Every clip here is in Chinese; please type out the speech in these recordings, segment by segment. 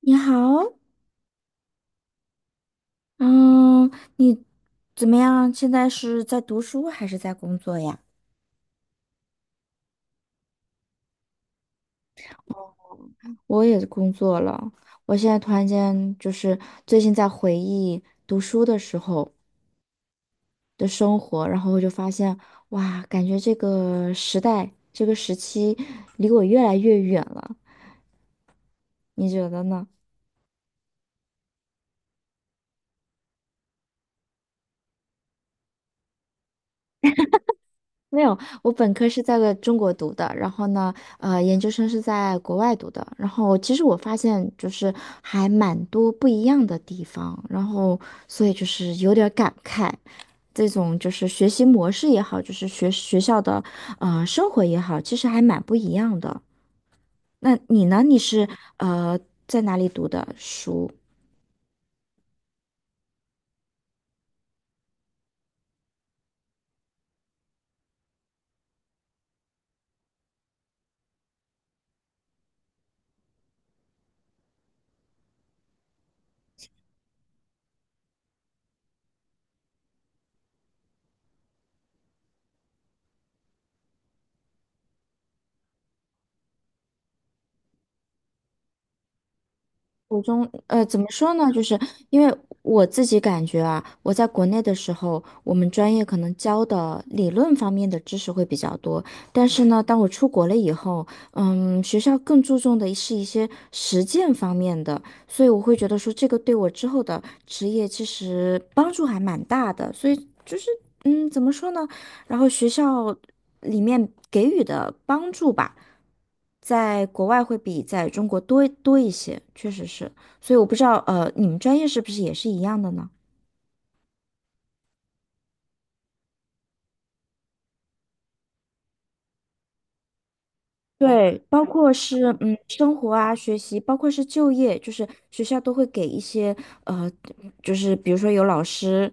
你好，嗯，你怎么样？现在是在读书还是在工作呀？我也工作了，我现在突然间最近在回忆读书的时候的生活，然后我就发现，哇，感觉这个时代，这个时期离我越来越远了。你觉得呢？没有，我本科是在个中国读的，然后呢，研究生是在国外读的。然后其实我发现就是还蛮多不一样的地方，然后所以就是有点儿感慨，这种就是学习模式也好，就是学校的生活也好，其实还蛮不一样的。那你呢？你是呃在哪里读的书？怎么说呢？就是因为我自己感觉啊，我在国内的时候，我们专业可能教的理论方面的知识会比较多，但是呢，当我出国了以后，嗯，学校更注重的是一些实践方面的，所以我会觉得说这个对我之后的职业其实帮助还蛮大的，所以就是，怎么说呢？然后学校里面给予的帮助吧，在国外会比在中国多一些，确实是。所以我不知道，你们专业是不是也是一样的呢？对，包括是生活啊、学习，包括是就业，就是学校都会给一些呃，就是比如说有老师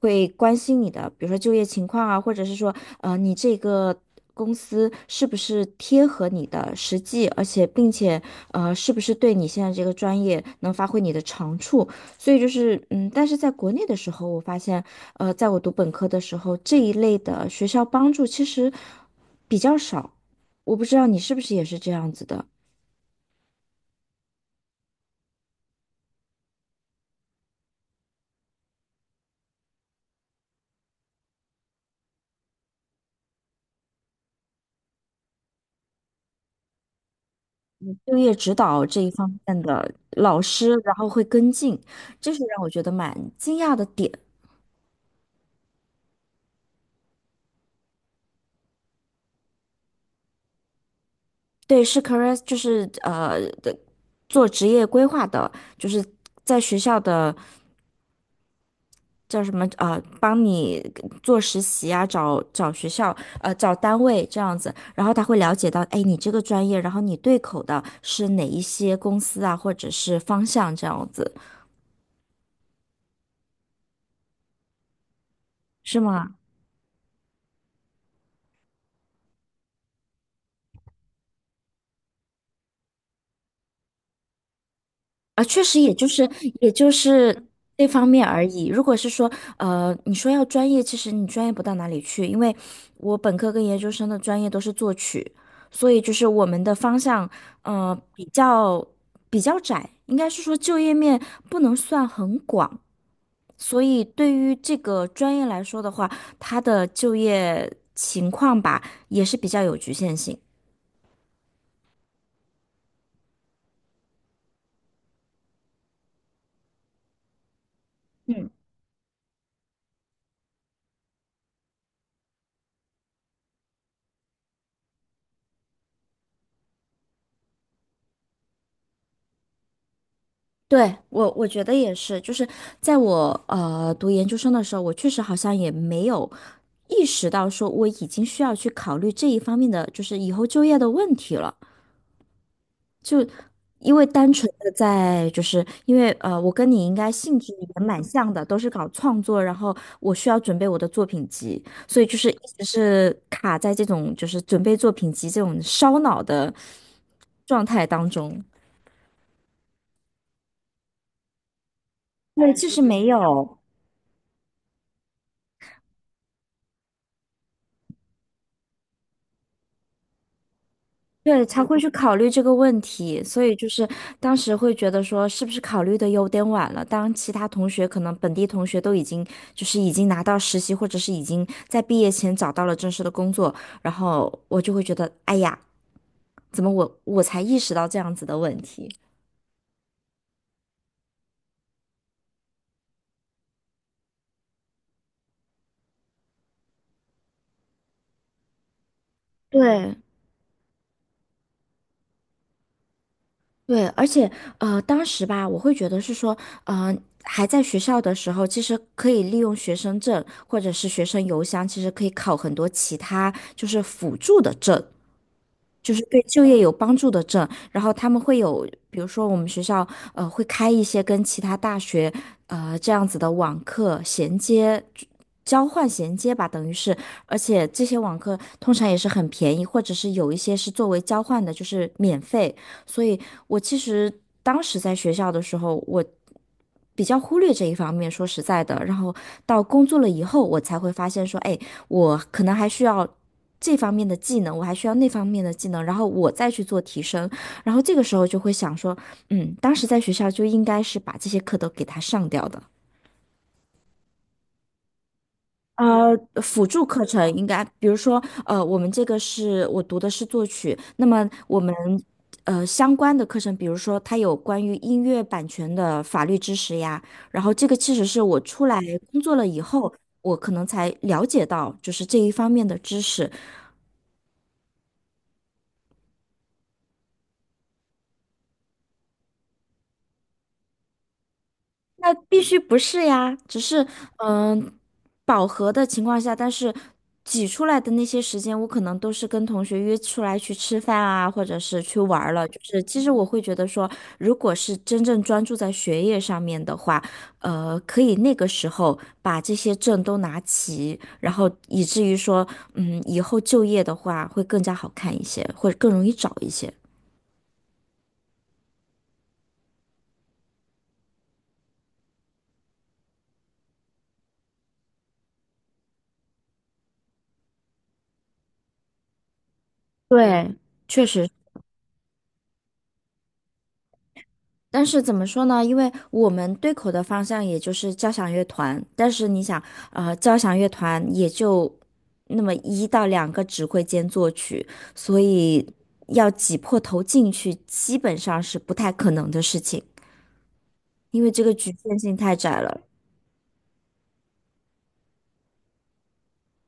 会关心你的，比如说就业情况啊，或者是说你这个公司是不是贴合你的实际，而且并且是不是对你现在这个专业能发挥你的长处，所以就是嗯，但是在国内的时候，我发现在我读本科的时候，这一类的学校帮助其实比较少。我不知道你是不是也是这样子的，就业指导这一方面的老师，然后会跟进，这是让我觉得蛮惊讶的点。对，是 career，就是的做职业规划的，就是在学校的叫什么，帮你做实习啊，找学校找单位这样子，然后他会了解到，哎，你这个专业，然后你对口的是哪一些公司啊，或者是方向这样子，是吗？啊，确实，也就是也就是那方面而已。如果是说，你说要专业，其实你专业不到哪里去，因为我本科跟研究生的专业都是作曲，所以就是我们的方向，呃，比较比较窄，应该是说就业面不能算很广，所以对于这个专业来说的话，它的就业情况吧，也是比较有局限性。嗯。对，我觉得也是，就是在我读研究生的时候，我确实好像也没有意识到说我已经需要去考虑这一方面的，就是以后就业的问题了。就因为单纯的在，就是因为我跟你应该兴趣也蛮像的，都是搞创作，然后我需要准备我的作品集，所以就是一直是卡在这种就是准备作品集这种烧脑的状态当中。对，就是没有。对，才会去考虑这个问题，所以就是当时会觉得说，是不是考虑的有点晚了？当其他同学可能本地同学都已经就是已经拿到实习，或者是已经在毕业前找到了正式的工作，然后我就会觉得，哎呀，怎么我才意识到这样子的问题？对，对，而且当时吧，我会觉得是说，嗯，还在学校的时候，其实可以利用学生证或者是学生邮箱，其实可以考很多其他就是辅助的证。就是对就业有帮助的证，然后他们会有，比如说我们学校会开一些跟其他大学这样子的网课衔接。交换衔接吧，等于是，而且这些网课通常也是很便宜，或者是有一些是作为交换的，就是免费。所以我其实当时在学校的时候，我比较忽略这一方面，说实在的。然后到工作了以后，我才会发现说，哎，我可能还需要这方面的技能，我还需要那方面的技能，然后我再去做提升。然后这个时候就会想说，嗯，当时在学校就应该是把这些课都给它上掉的。辅助课程应该，比如说，我们这个是我读的是作曲，那么我们相关的课程，比如说它有关于音乐版权的法律知识呀，然后这个其实是我出来工作了以后，我可能才了解到就是这一方面的知识，那必须不是呀，只是嗯、呃饱和的情况下，但是挤出来的那些时间，我可能都是跟同学约出来去吃饭啊，或者是去玩儿了。就是其实我会觉得说，如果是真正专注在学业上面的话，可以那个时候把这些证都拿齐，然后以至于说，嗯，以后就业的话会更加好看一些，或者更容易找一些。对，确实。但是怎么说呢？因为我们对口的方向也就是交响乐团，但是你想，交响乐团也就那么一到两个指挥兼作曲，所以要挤破头进去，基本上是不太可能的事情，因为这个局限性太窄了。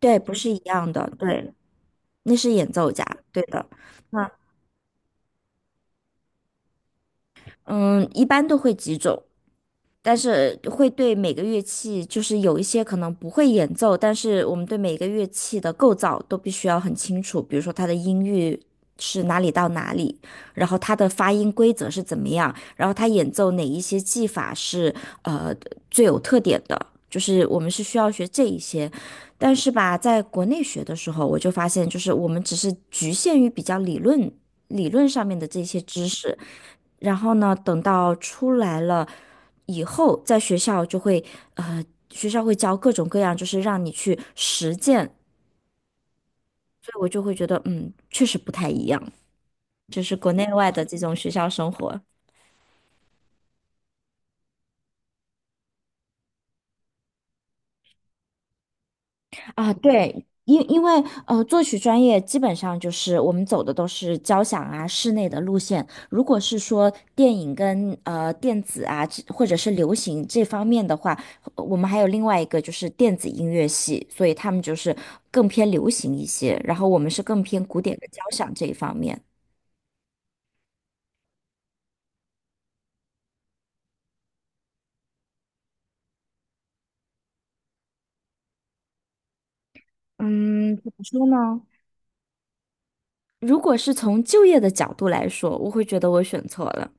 对，不是一样的，对，那是演奏家，对的。那嗯，一般都会几种。但是会对每个乐器，就是有一些可能不会演奏，但是我们对每个乐器的构造都必须要很清楚，比如说它的音域是哪里到哪里，然后它的发音规则是怎么样，然后它演奏哪一些技法是呃最有特点的，就是我们是需要学这一些。但是吧，在国内学的时候，我就发现，就是我们只是局限于比较理论。理论上面的这些知识，然后呢，等到出来了以后，在学校就会呃，学校会教各种各样，就是让你去实践，所以我就会觉得，嗯，确实不太一样，就是国内外的这种学校生活。啊，对，因为作曲专业基本上就是我们走的都是交响啊、室内的路线。如果是说电影跟电子啊，这或者是流行这方面的话，我们还有另外一个就是电子音乐系，所以他们就是更偏流行一些，然后我们是更偏古典的交响这一方面。嗯，怎么说呢？如果是从就业的角度来说，我会觉得我选错了。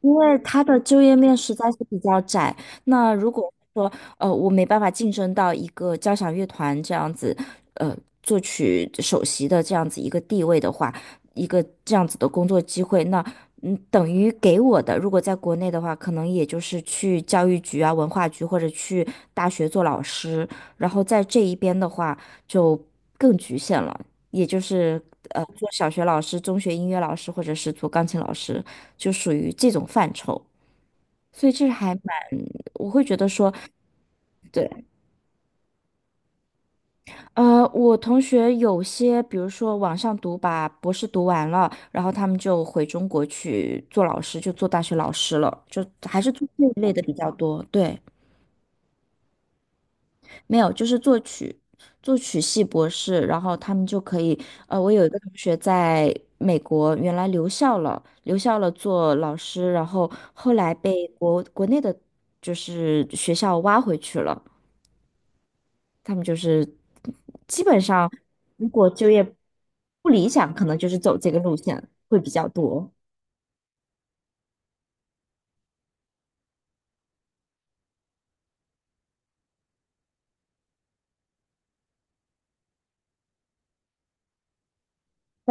因为他的就业面实在是比较窄。那如果说我没办法晋升到一个交响乐团这样子，呃作曲首席的这样子一个地位的话，一个这样子的工作机会，那嗯等于给我的，如果在国内的话，可能也就是去教育局啊、文化局或者去大学做老师，然后在这一边的话就更局限了，也就是做小学老师、中学音乐老师或者是做钢琴老师。就属于这种范畴，所以这还蛮，我会觉得说，对。我同学有些，比如说网上读把博士读完了，然后他们就回中国去做老师，就做大学老师了，就还是做这一类的比较多。对，没有，就是作曲，作曲系博士，然后他们就可以，我有一个同学在美国原来留校了，留校了做老师，然后后来被国内的就是学校挖回去了。他们就是基本上，如果就业不理想，可能就是走这个路线会比较多。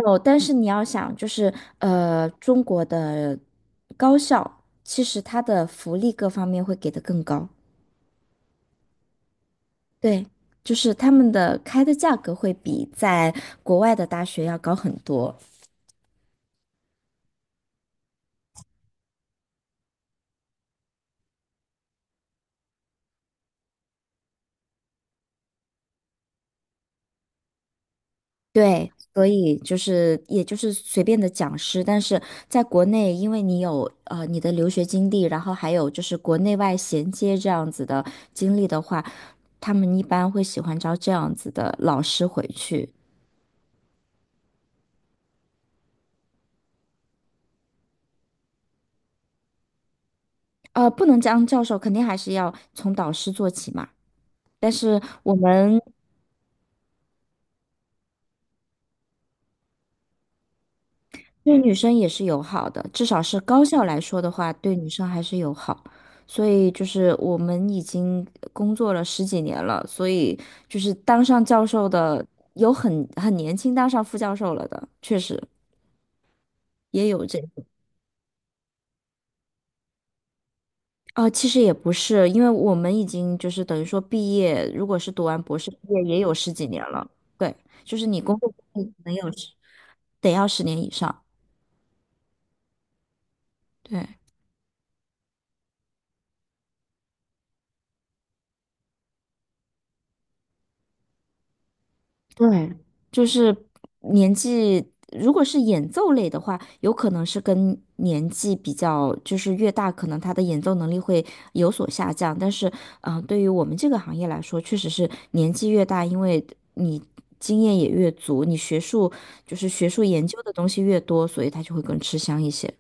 哦，但是你要想，就是中国的高校其实它的福利各方面会给的更高。对，就是他们的开的价格会比在国外的大学要高很多。对，所以就是也就是随便的讲师，但是在国内，因为你有你的留学经历，然后还有就是国内外衔接这样子的经历的话，他们一般会喜欢招这样子的老师回去。不能当教授，肯定还是要从导师做起嘛。但是我们对女生也是友好的，至少是高校来说的话，对女生还是友好。所以就是我们已经工作了十几年了，所以就是当上教授的有很年轻当上副教授了的，确实也有这。其实也不是，因为我们已经就是等于说毕业，如果是读完博士毕业也有十几年了。对，就是你工作经历可能有十，得要10年以上，对。对，就是年纪，如果是演奏类的话，有可能是跟年纪比较，就是越大，可能他的演奏能力会有所下降。但是，对于我们这个行业来说，确实是年纪越大，因为你经验也越足，你学术就是学术研究的东西越多，所以他就会更吃香一些。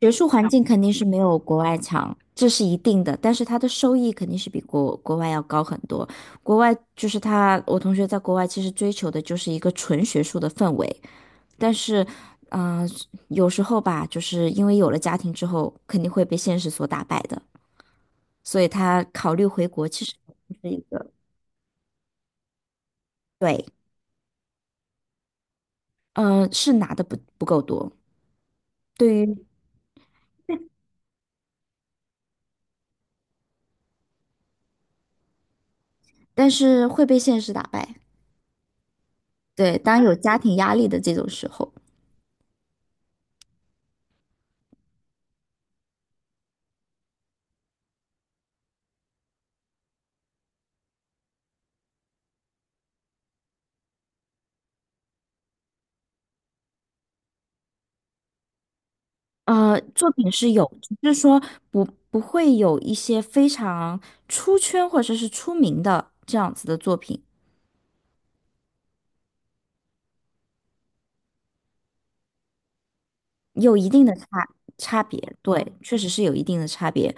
学术环境肯定是没有国外强，这是一定的，但是它的收益肯定是比国外要高很多。国外就是他，我同学在国外其实追求的就是一个纯学术的氛围，但是，嗯、有时候吧，就是因为有了家庭之后，肯定会被现实所打败的，所以他考虑回国其实不是一个。对。嗯，是拿的不够多，对于，但是会被现实打败，对，当有家庭压力的这种时候。作品是有，就是说不会有一些非常出圈或者是出名的这样子的作品，有一定的差别，对，确实是有一定的差别。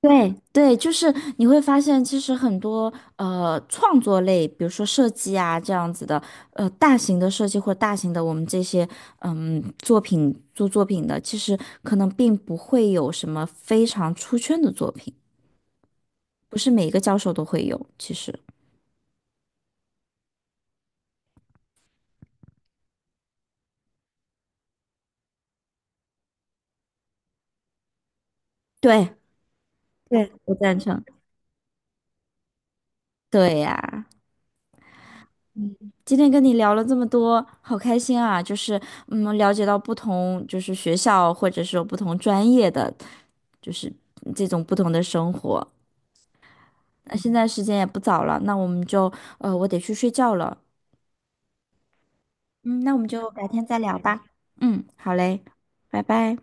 对对，就是你会发现，其实很多创作类，比如说设计啊这样子的，呃大型的设计或者大型的我们这些作品做作品的，其实可能并不会有什么非常出圈的作品，不是每一个教授都会有，其实。对，对，不赞成。对呀，今天跟你聊了这么多，好开心啊！就是嗯，了解到不同就是学校或者是有不同专业的，就是这种不同的生活。那现在时间也不早了，那我们就，我得去睡觉了。嗯，那我们就改天再聊吧。嗯，好嘞，拜拜。